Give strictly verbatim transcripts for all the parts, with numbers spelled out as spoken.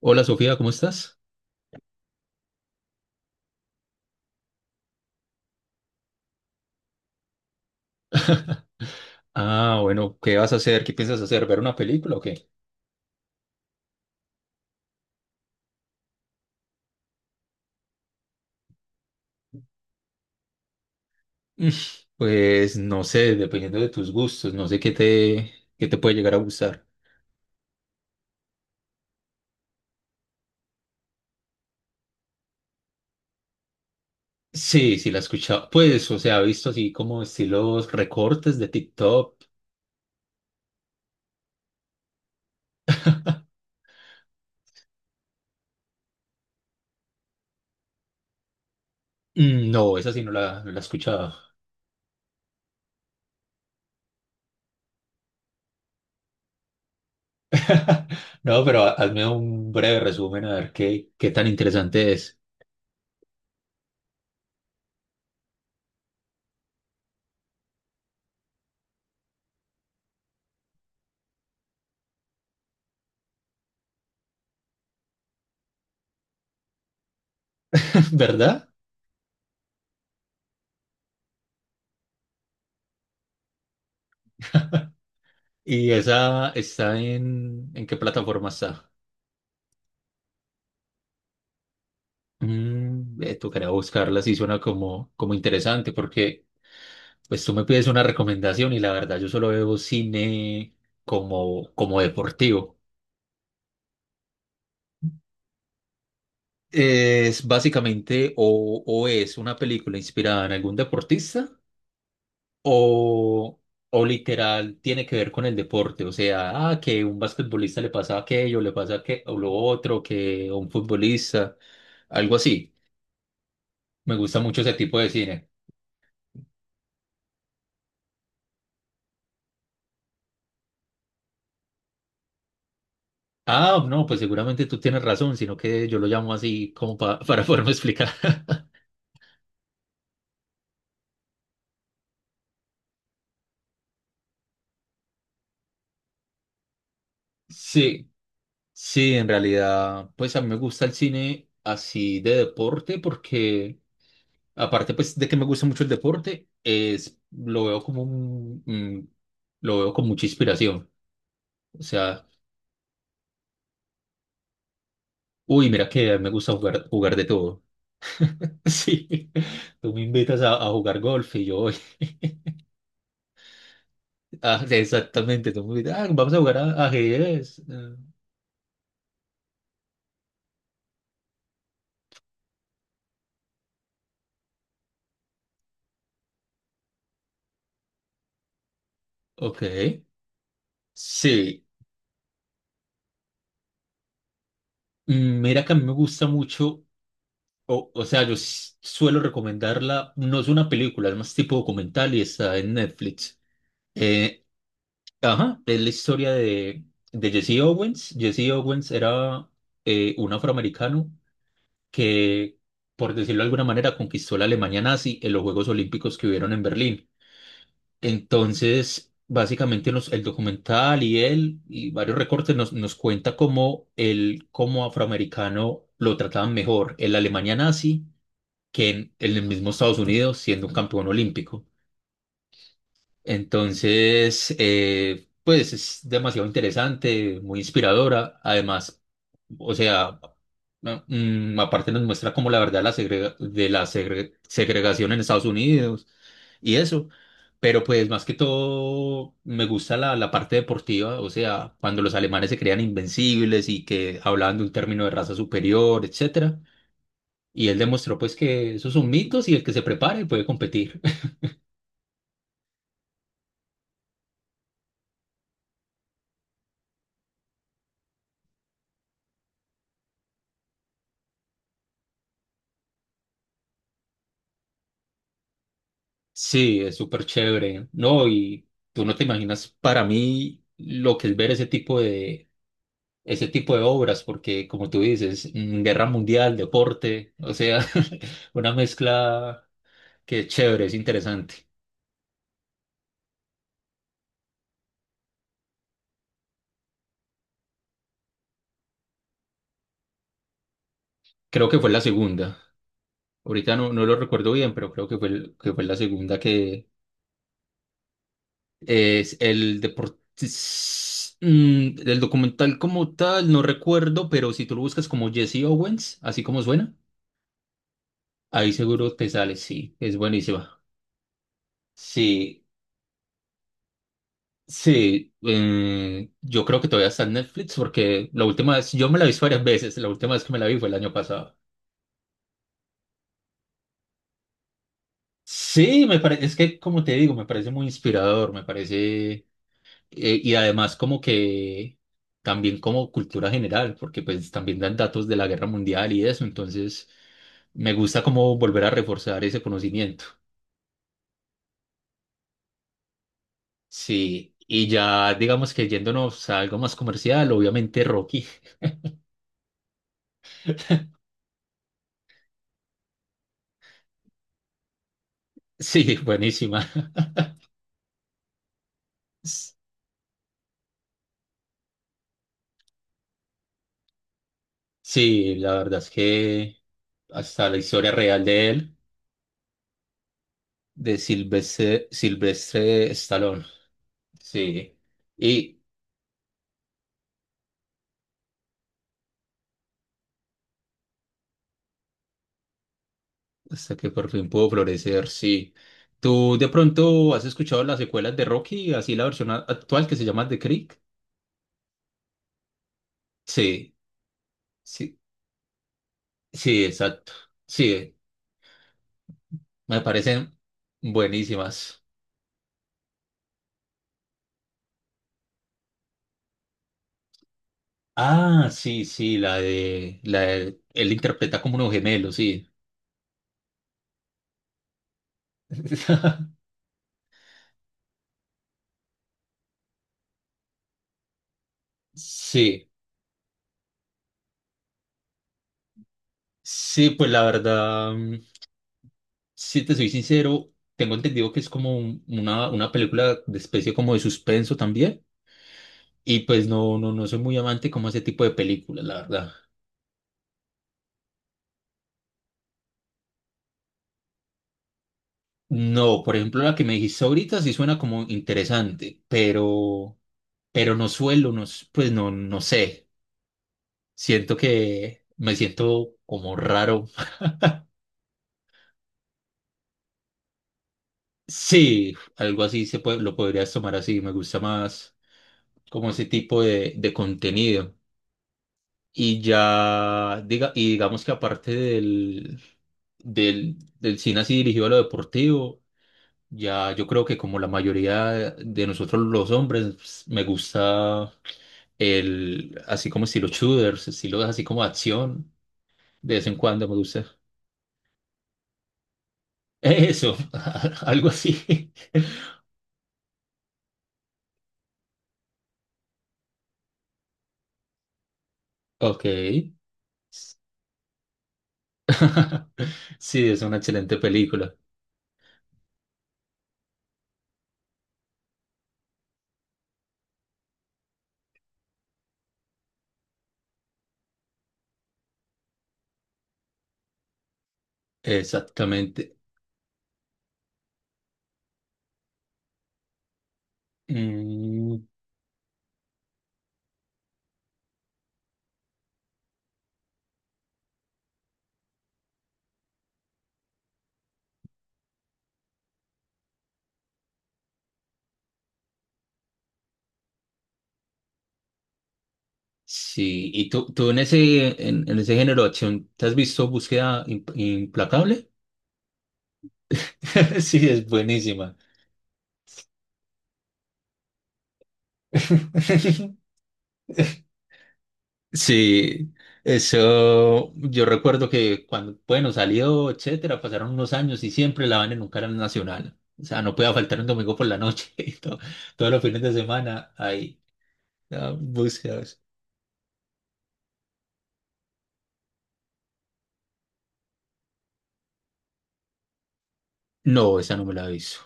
Hola Sofía, ¿cómo estás? Ah, bueno, ¿qué vas a hacer? ¿Qué piensas hacer? ¿Ver una película o qué? Mm, Pues no sé, dependiendo de tus gustos, no sé qué te, qué te puede llegar a gustar. Sí, sí, la he escuchado. Pues, o sea, he visto así como estilos recortes de TikTok. Mm. No, esa sí no la, no la he escuchado. No, pero ha- hazme un breve resumen a ver qué, qué tan interesante es. ¿Verdad? ¿Y esa está en, en qué plataforma está? Mm, eh, tocaría buscarla, sí suena como, como interesante, porque pues tú me pides una recomendación y la verdad yo solo veo cine como, como deportivo. Es básicamente o, o es una película inspirada en algún deportista o, o literal tiene que ver con el deporte, o sea, ah, que un basquetbolista le pasa aquello, le pasa que, o lo otro, que a un futbolista, algo así. Me gusta mucho ese tipo de cine. Ah, no, pues seguramente tú tienes razón, sino que yo lo llamo así como pa- para poderme explicar. Sí, sí, en realidad, pues a mí me gusta el cine así de deporte porque, aparte pues de que me gusta mucho el deporte, es, lo veo como un, mm, lo veo con mucha inspiración. O sea, uy, mira que me gusta jugar, jugar de todo. Sí, tú me invitas a, a jugar golf y yo voy. Ah, exactamente, tú me invitas, ah, vamos a jugar a ajedrez. Ah, ok. Sí, mm, mira que a mí me gusta mucho, o, o sea, yo s- suelo recomendarla, no es una película, es más tipo documental y está en Netflix. Eh, ajá, es la historia de, de Jesse Owens. Jesse Owens era eh, un afroamericano que, por decirlo de alguna manera, conquistó la Alemania nazi en los Juegos Olímpicos que hubieron en Berlín. Entonces, básicamente nos- el documental y él y varios recortes nos, nos cuenta cómo él como afroamericano lo trataban mejor en la Alemania nazi que en, en el mismo Estados Unidos siendo un campeón olímpico. Entonces, eh, pues es demasiado interesante, muy inspiradora. Además, o sea, no, mm, aparte nos muestra como la verdad de la segrega- de la segre- segregación en Estados Unidos y eso. Pero pues más que todo me gusta la, la parte deportiva, o sea, cuando los alemanes se creían invencibles y que hablaban de un término de raza superior, etcétera. Y él demostró pues que esos son mitos y el que se prepare puede competir. Sí, es súper chévere, ¿no? Y tú no te imaginas para mí lo que es ver ese tipo de, ese tipo de obras, porque como tú dices, mm, guerra mundial, deporte, o sea, una mezcla que es chévere, es interesante. Creo que fue la segunda. Ahorita no, no lo recuerdo bien, pero creo que fue, el- que fue la segunda que es el deporte. El documental como tal, no recuerdo, pero si tú lo buscas como Jesse Owens, así como suena. Ahí seguro te sale, sí, es buenísima. Sí, sí, eh, yo creo que todavía está en Netflix porque la última vez, yo me la vi varias veces, la última vez que me la vi fue el año pasado. Sí, me parece, es que como te digo, me parece muy inspirador, me parece, eh, Y además como que también como cultura general, porque pues también dan datos de la guerra mundial y eso, entonces me gusta como volver a reforzar ese conocimiento. Sí, y ya digamos que yéndonos a algo más comercial, obviamente Rocky. Sí, buenísima. Sí, la verdad es que hasta la historia real de él, de Silvestre, Silvestre Stallone. Sí. Y hasta que por fin pudo florecer, sí. ¿Tú de pronto has escuchado las secuelas de Rocky, así la versión a- actual que se llama The Creek? Sí, sí, sí, exacto. Sí, me parecen buenísimas. Ah, sí, sí, la de, la de- él interpreta como unos gemelos, sí. Sí, sí, pues la verdad, mm, si te soy sincero, tengo entendido que es como un- una, una película de especie como de suspenso también. Y pues no, no, no soy muy amante como a ese tipo de películas, la verdad. No, por ejemplo, la que me dijiste ahorita sí suena como interesante, pero, pero no suelo, no, s- pues no, no sé. Siento que me siento como raro. Sí, algo así se puede, lo podrías tomar así, me gusta más como ese tipo de, de contenido. Y ya, diga, y digamos que aparte del, del, del cine así dirigido a lo deportivo, ya yo creo que como la mayoría de nosotros los hombres, pues, me gusta el, así como estilo shooters, estilo así como acción, de vez en cuando me gusta. Eso, algo así. Ok. Sí, es una excelente película. Exactamente. Mm. Sí, y tú, tú en ese, en, en ese género de acción, ¿te has visto Búsqueda Im- Implacable? Sí, es buenísima. Sí, eso yo recuerdo que cuando, bueno, salió, etcétera, pasaron unos años y siempre la van en un canal nacional. O sea, no podía faltar un domingo por la noche y todo- todos los fines de semana ahí, ah, búsquedas. No, esa no me la aviso.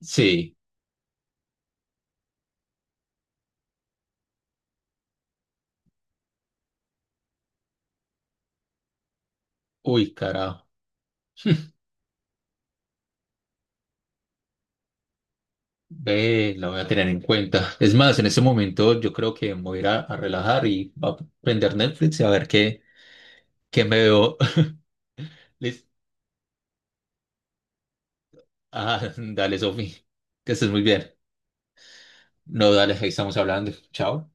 Sí, uy, carajo. Ve, la voy a tener en cuenta. Es más, en ese momento yo creo que me voy a ir a, a relajar y voy a prender Netflix y a ver qué, qué me veo. Listo. Ah, dale, Sofi. Que estés muy bien. No, dale, ahí estamos hablando. Chao.